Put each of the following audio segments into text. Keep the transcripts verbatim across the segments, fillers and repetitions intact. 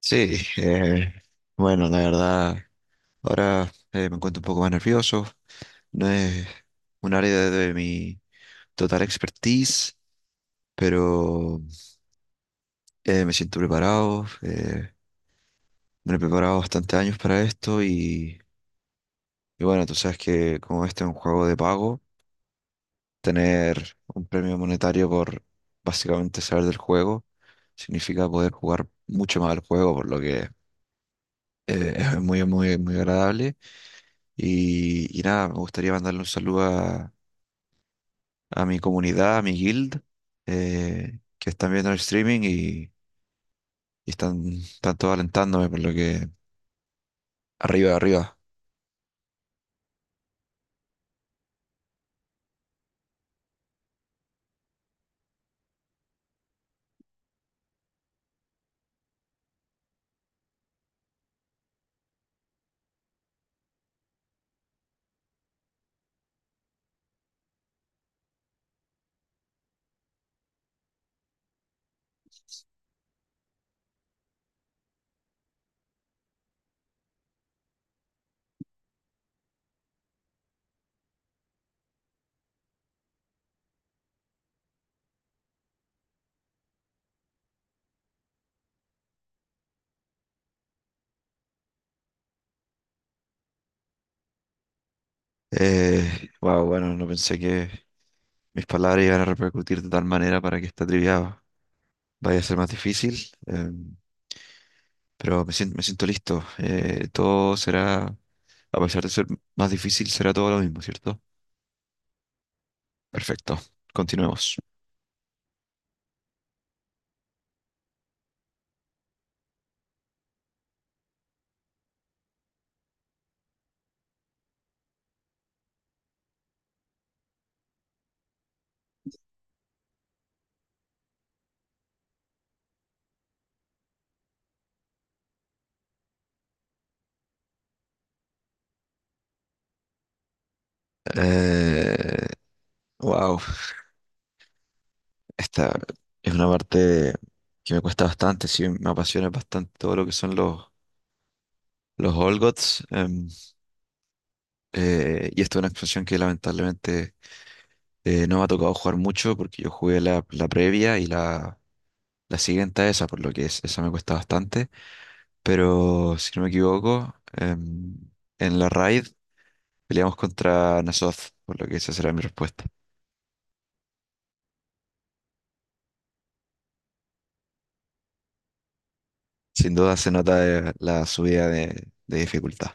Sí, eh, bueno, la verdad, ahora eh, me encuentro un poco más nervioso. No es un área de, de mi total expertise, pero eh, me siento preparado. Eh, me he preparado bastante años para esto y, y bueno, tú sabes que como este es un juego de pago, tener un premio monetario por básicamente saber del juego significa poder jugar mucho más al juego, por lo que eh, es muy, muy, muy agradable. Y, y nada, me gustaría mandarle un saludo a, a mi comunidad, a mi guild, eh, que están viendo el streaming y, y están, están todos alentándome, por lo que arriba, arriba. Eh, wow, bueno, no pensé que mis palabras iban a repercutir de tal manera para que esta trivia vaya a ser más difícil, eh, pero me siento, me siento listo. Eh, todo será, a pesar de ser más difícil, será todo lo mismo, ¿cierto? Perfecto, continuemos. Eh, wow. Esta es una parte que me cuesta bastante, sí, me apasiona bastante todo lo que son los, los All Gods, em, eh, y esta es una expansión que lamentablemente eh, no me ha tocado jugar mucho porque yo jugué la, la previa y la, la siguiente a esa, por lo que es, esa me cuesta bastante. Pero si no me equivoco, em, en la raid peleamos contra Nazoth, por lo que esa será mi respuesta. Sin duda se nota eh, la subida de de dificultad.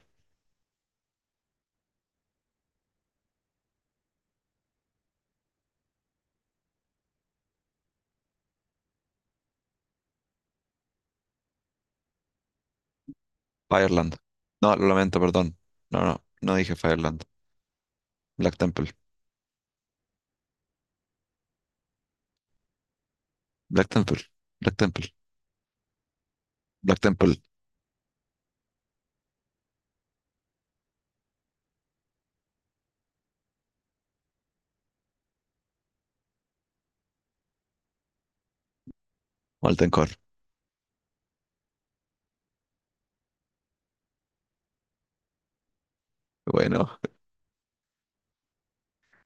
Fireland. No, lo lamento, perdón. No, no, no dije Fireland. Black Temple. Black Temple. Black Temple. Black Temple. Molten Core. Bueno,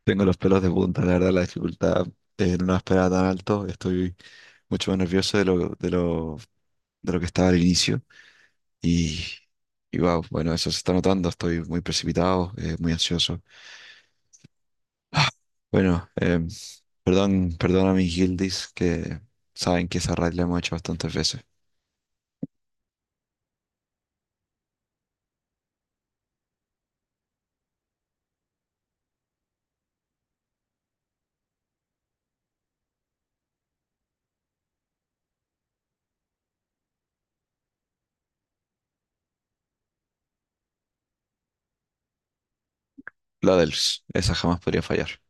tengo los pelos de punta, la verdad, la dificultad eh, no la esperaba tan alto. Estoy mucho más nervioso de lo, de lo, de lo que estaba al inicio. Y, y wow, bueno, eso se está notando. Estoy muy precipitado, eh, muy ansioso. Ah, Bueno, em, perdón, perdón a mis guildies que saben que esa raid la hemos hecho bastantes veces. La dels, esa jamás podría fallar.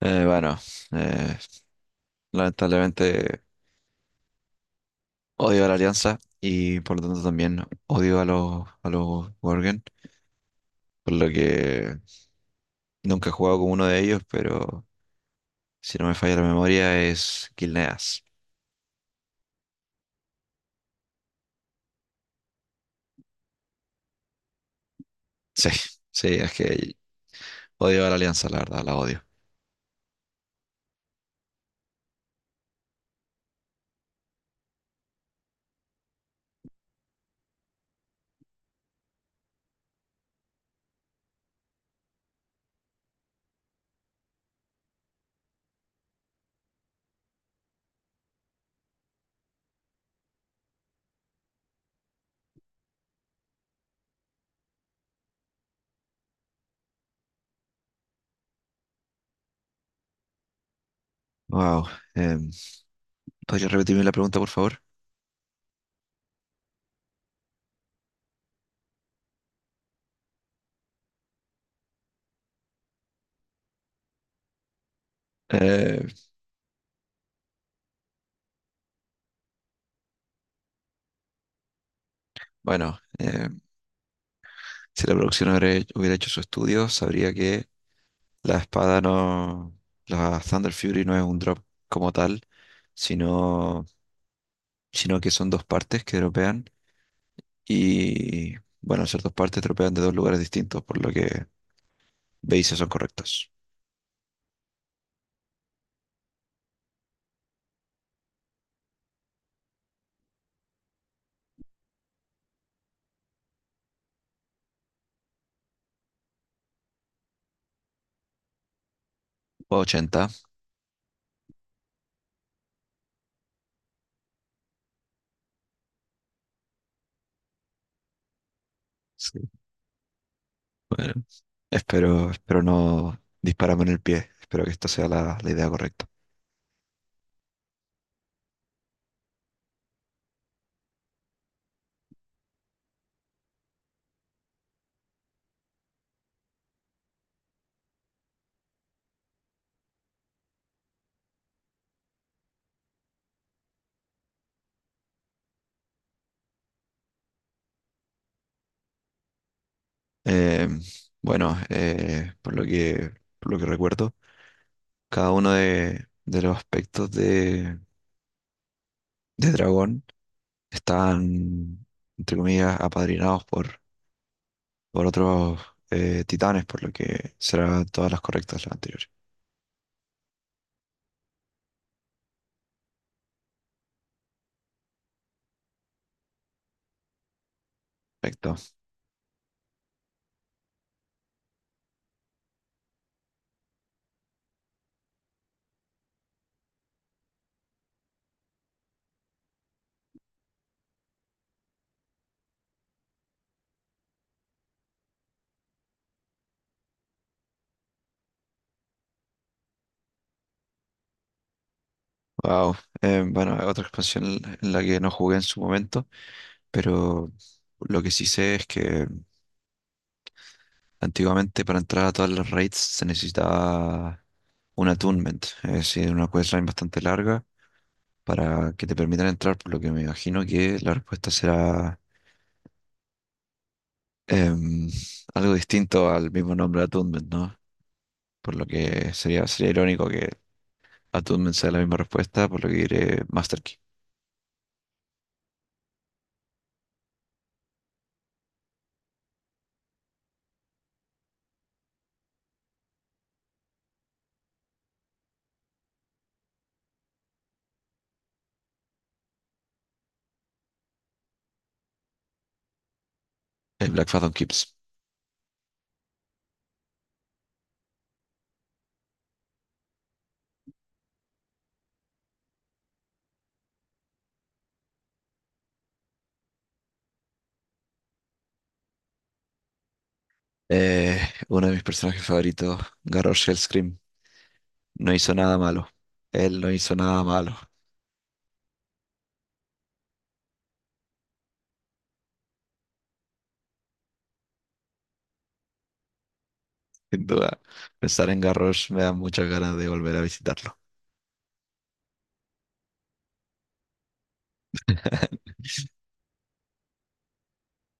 Eh, bueno, eh, lamentablemente odio a la Alianza y por lo tanto también odio a los, a los Worgen, por lo que nunca he jugado con uno de ellos, pero si no me falla la memoria es Gilneas. Sí, sí, es que odio a la Alianza, la verdad, la odio. Wow, ¿podría repetirme la pregunta, por favor? Eh, bueno, eh, si la producción hubiera hubiera hecho su estudio, sabría que la espada no. La Thunder Fury no es un drop como tal, sino, sino que son dos partes que dropean. Y bueno, al ser dos partes, dropean de dos lugares distintos, por lo que bases son correctos. Ochenta. Sí. Bueno, espero, espero no dispararme en el pie. Espero que esta sea la, la idea correcta. Em, bueno, eh, por lo que, por lo que recuerdo, cada uno de, de los aspectos de, de dragón están, entre comillas, apadrinados por, por otros eh, titanes, por lo que serán todas las correctas las anteriores. Perfecto. Wow. Eh, bueno, otra expansión en la que no jugué en su momento, pero lo que sí sé es que antiguamente para entrar a todas las raids se necesitaba un attunement, es decir, una questline bastante larga para que te permitan entrar, por lo que me imagino que la respuesta será em, algo distinto al mismo nombre attunement, ¿no? Por lo que sería, sería irónico que a Toon sea la misma respuesta, por lo que diré Master Key. El Black Phantom Kips. Eh, uno de mis personajes favoritos, Garrosh Scream no hizo nada malo. Él no hizo nada malo. Sin duda, pensar en Garrosh me da muchas ganas de volver a visitarlo.